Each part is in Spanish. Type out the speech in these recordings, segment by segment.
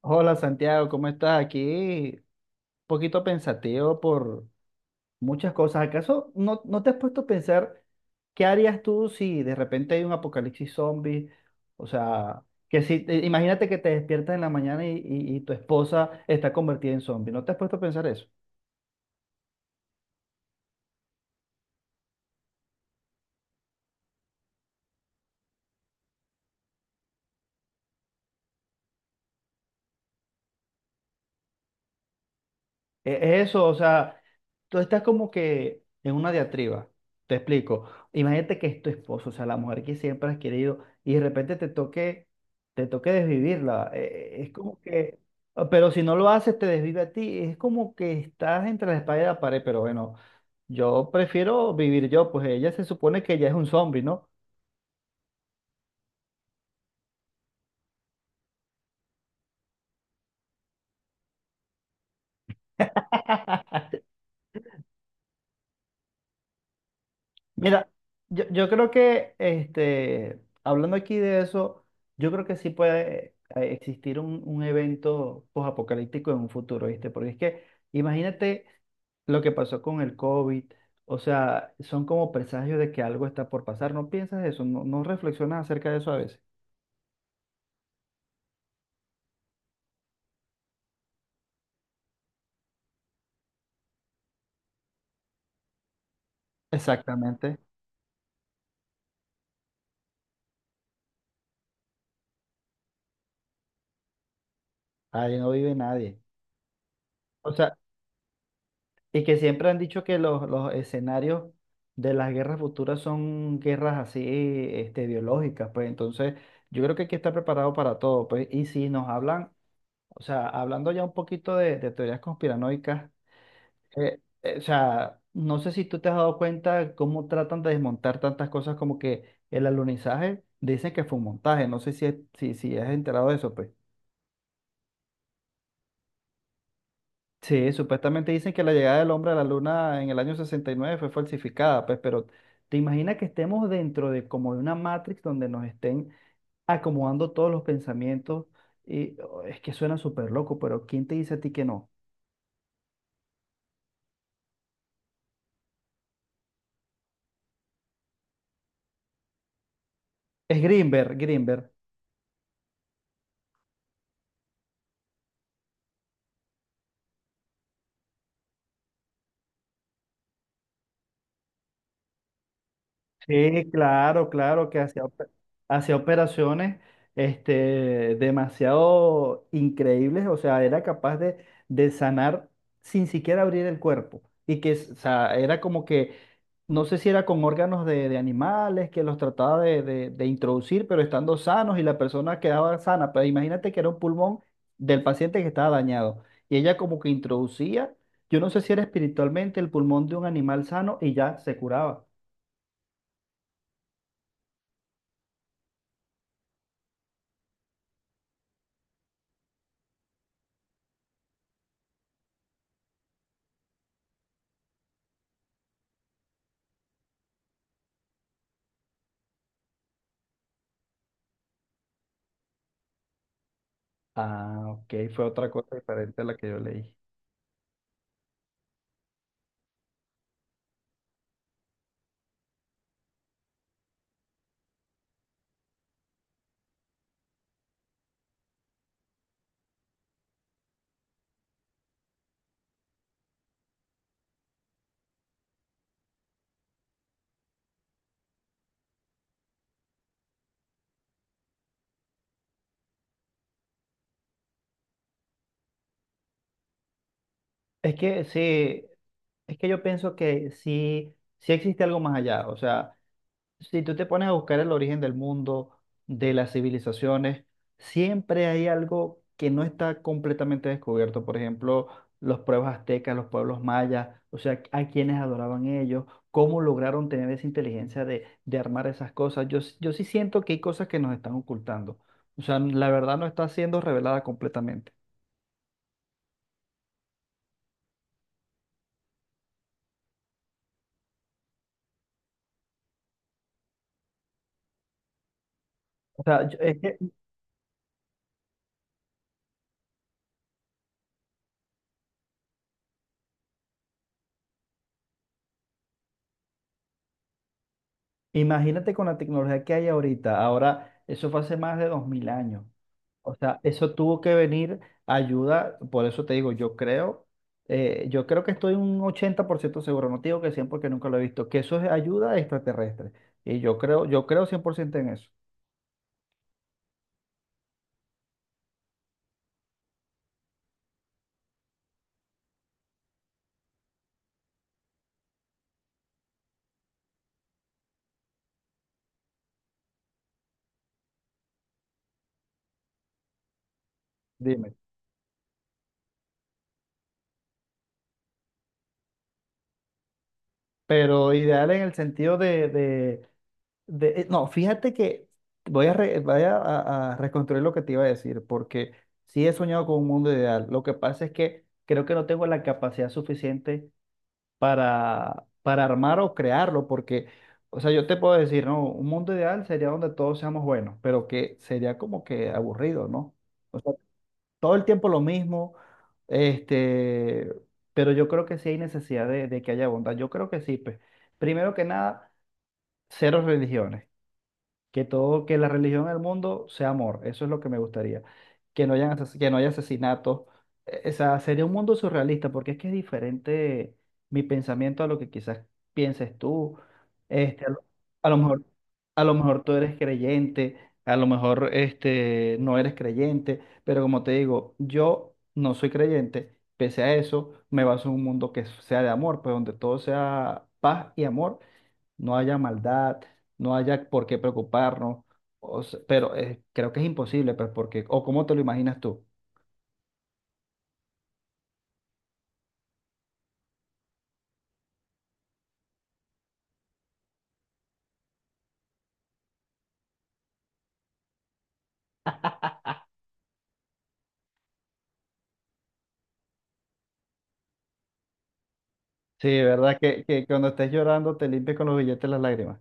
Hola Santiago, ¿cómo estás? Aquí un poquito pensativo por muchas cosas. ¿Acaso no te has puesto a pensar qué harías tú si de repente hay un apocalipsis zombie? O sea, que si imagínate que te despiertas en la mañana y tu esposa está convertida en zombie. ¿No te has puesto a pensar eso? Es eso, o sea, tú estás como que en una diatriba, te explico. Imagínate que es tu esposo, o sea, la mujer que siempre has querido, y de repente te toque desvivirla. Es como que, ah, pero si no lo haces, te desvive a ti. Es como que estás entre la espalda y la pared, pero bueno, yo prefiero vivir yo, pues ella se supone que ella es un zombie, ¿no? Mira, yo creo que hablando aquí de eso, yo creo que sí puede existir un evento posapocalíptico en un futuro, ¿viste? Porque es que imagínate lo que pasó con el COVID, o sea, son como presagios de que algo está por pasar. ¿No piensas eso? ¿No reflexionas acerca de eso a veces? Exactamente. Ahí no vive nadie. O sea, y que siempre han dicho que los escenarios de las guerras futuras son guerras así, biológicas, pues entonces yo creo que hay que estar preparado para todo, pues. Y si nos hablan, o sea, hablando ya un poquito de teorías conspiranoicas, o sea, no sé si tú te has dado cuenta cómo tratan de desmontar tantas cosas como que el alunizaje, dicen que fue un montaje, no sé si has enterado de eso, pues. Sí, supuestamente dicen que la llegada del hombre a la luna en el año 69 fue falsificada, pues, pero ¿te imaginas que estemos dentro de como de una Matrix donde nos estén acomodando todos los pensamientos? Y oh, es que suena súper loco, pero ¿quién te dice a ti que no? Es Greenberg, Greenberg. Sí, claro, claro, que hacía, hacía operaciones demasiado increíbles, o sea, era capaz de sanar sin siquiera abrir el cuerpo. Y que, o sea, era como que, no sé si era con órganos de animales que los trataba de, de introducir, pero estando sanos y la persona quedaba sana. Pero imagínate que era un pulmón del paciente que estaba dañado. Y ella como que introducía, yo no sé si era espiritualmente el pulmón de un animal sano y ya se curaba. Ah, ok, fue otra cosa diferente a la que yo leí. Es que sí, es que yo pienso que sí, sí existe algo más allá. O sea, si tú te pones a buscar el origen del mundo, de las civilizaciones, siempre hay algo que no está completamente descubierto. Por ejemplo, los pueblos aztecas, los pueblos mayas, o sea, a quienes adoraban ellos, cómo lograron tener esa inteligencia de armar esas cosas. Yo sí siento que hay cosas que nos están ocultando. O sea, la verdad no está siendo revelada completamente. O sea, es que imagínate con la tecnología que hay ahorita. Ahora, eso fue hace más de 2000 años. O sea, eso tuvo que venir ayuda. Por eso te digo, yo creo que estoy un 80% seguro. No te digo que 100 porque nunca lo he visto. Que eso es ayuda extraterrestre. Y yo creo 100% en eso. Dime. Pero ideal en el sentido no, fíjate que voy a reconstruir lo que te iba a decir, porque sí he soñado con un mundo ideal. Lo que pasa es que creo que no tengo la capacidad suficiente para armar o crearlo, porque, o sea, yo te puedo decir, no, un mundo ideal sería donde todos seamos buenos, pero que sería como que aburrido, ¿no? O sea, todo el tiempo lo mismo, este, pero yo creo que sí hay necesidad de que haya bondad. Yo creo que sí, pues, primero que nada, cero religiones. Que todo, que la religión en el mundo sea amor, eso es lo que me gustaría. Que no haya asesinatos. O sea, sería un mundo surrealista, porque es que es diferente mi pensamiento a lo que quizás pienses tú. Este, a lo mejor, a lo mejor tú eres creyente, a lo mejor no eres creyente, pero como te digo, yo no soy creyente, pese a eso, me baso en un mundo que sea de amor, pues donde todo sea paz y amor no haya maldad, no haya por qué preocuparnos, pero creo que es imposible, pues, porque, o cómo te lo imaginas tú. Sí, ¿verdad? Que cuando estés llorando te limpies con los billetes las lágrimas.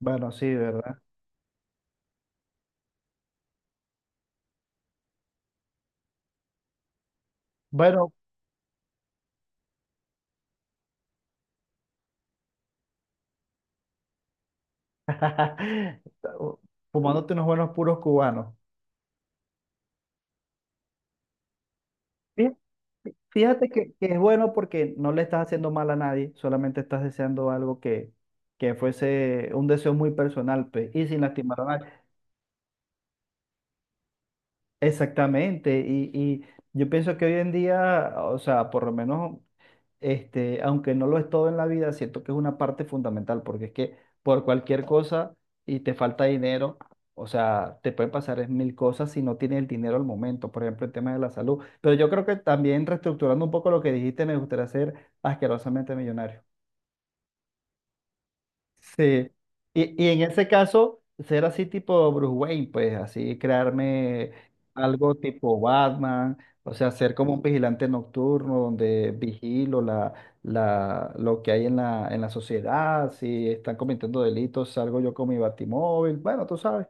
Bueno, sí, ¿verdad? Bueno, fumándote unos buenos puros cubanos. Fí- Fíjate que es bueno porque no le estás haciendo mal a nadie, solamente estás deseando algo que fuese un deseo muy personal, pues, y sin lastimar a nadie. Exactamente, y yo pienso que hoy en día, o sea, por lo menos, aunque no lo es todo en la vida, siento que es una parte fundamental, porque es que por cualquier cosa y te falta dinero, o sea, te pueden pasar es mil cosas si no tienes el dinero al momento, por ejemplo, el tema de la salud. Pero yo creo que también reestructurando un poco lo que dijiste, me gustaría ser asquerosamente millonario. Sí, y en ese caso, ser así tipo Bruce Wayne, pues así crearme algo tipo Batman, o sea, ser como un vigilante nocturno donde vigilo lo que hay en la sociedad, si están cometiendo delitos, salgo yo con mi batimóvil, bueno, tú sabes.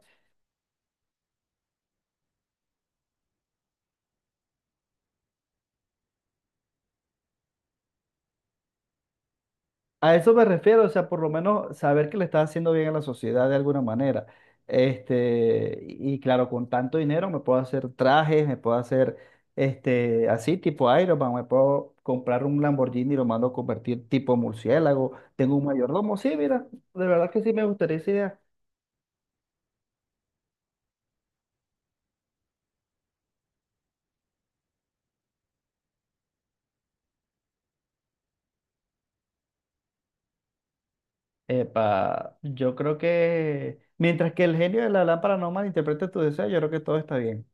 A eso me refiero, o sea, por lo menos saber que le estás haciendo bien a la sociedad de alguna manera. Y claro, con tanto dinero me puedo hacer trajes, me puedo hacer así tipo Iron Man, me puedo comprar un Lamborghini y lo mando a convertir tipo murciélago, tengo un mayordomo, sí, mira, de verdad que sí me gustaría esa idea. Epa, yo creo que mientras que el genio de la lámpara no malinterprete tu deseo, yo creo que todo está bien.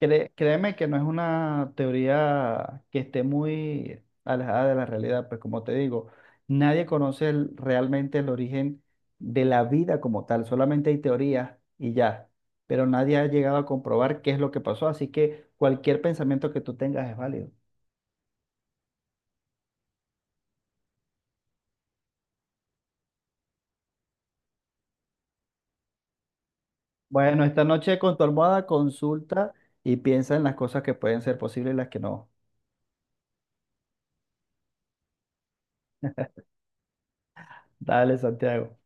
Créeme que no es una teoría que esté muy alejada de la realidad, pues como te digo, nadie conoce realmente el origen de la vida como tal, solamente hay teorías y ya, pero nadie ha llegado a comprobar qué es lo que pasó, así que cualquier pensamiento que tú tengas es válido. Bueno, esta noche con tu almohada consulta y piensa en las cosas que pueden ser posibles y las que no. Dale, Santiago.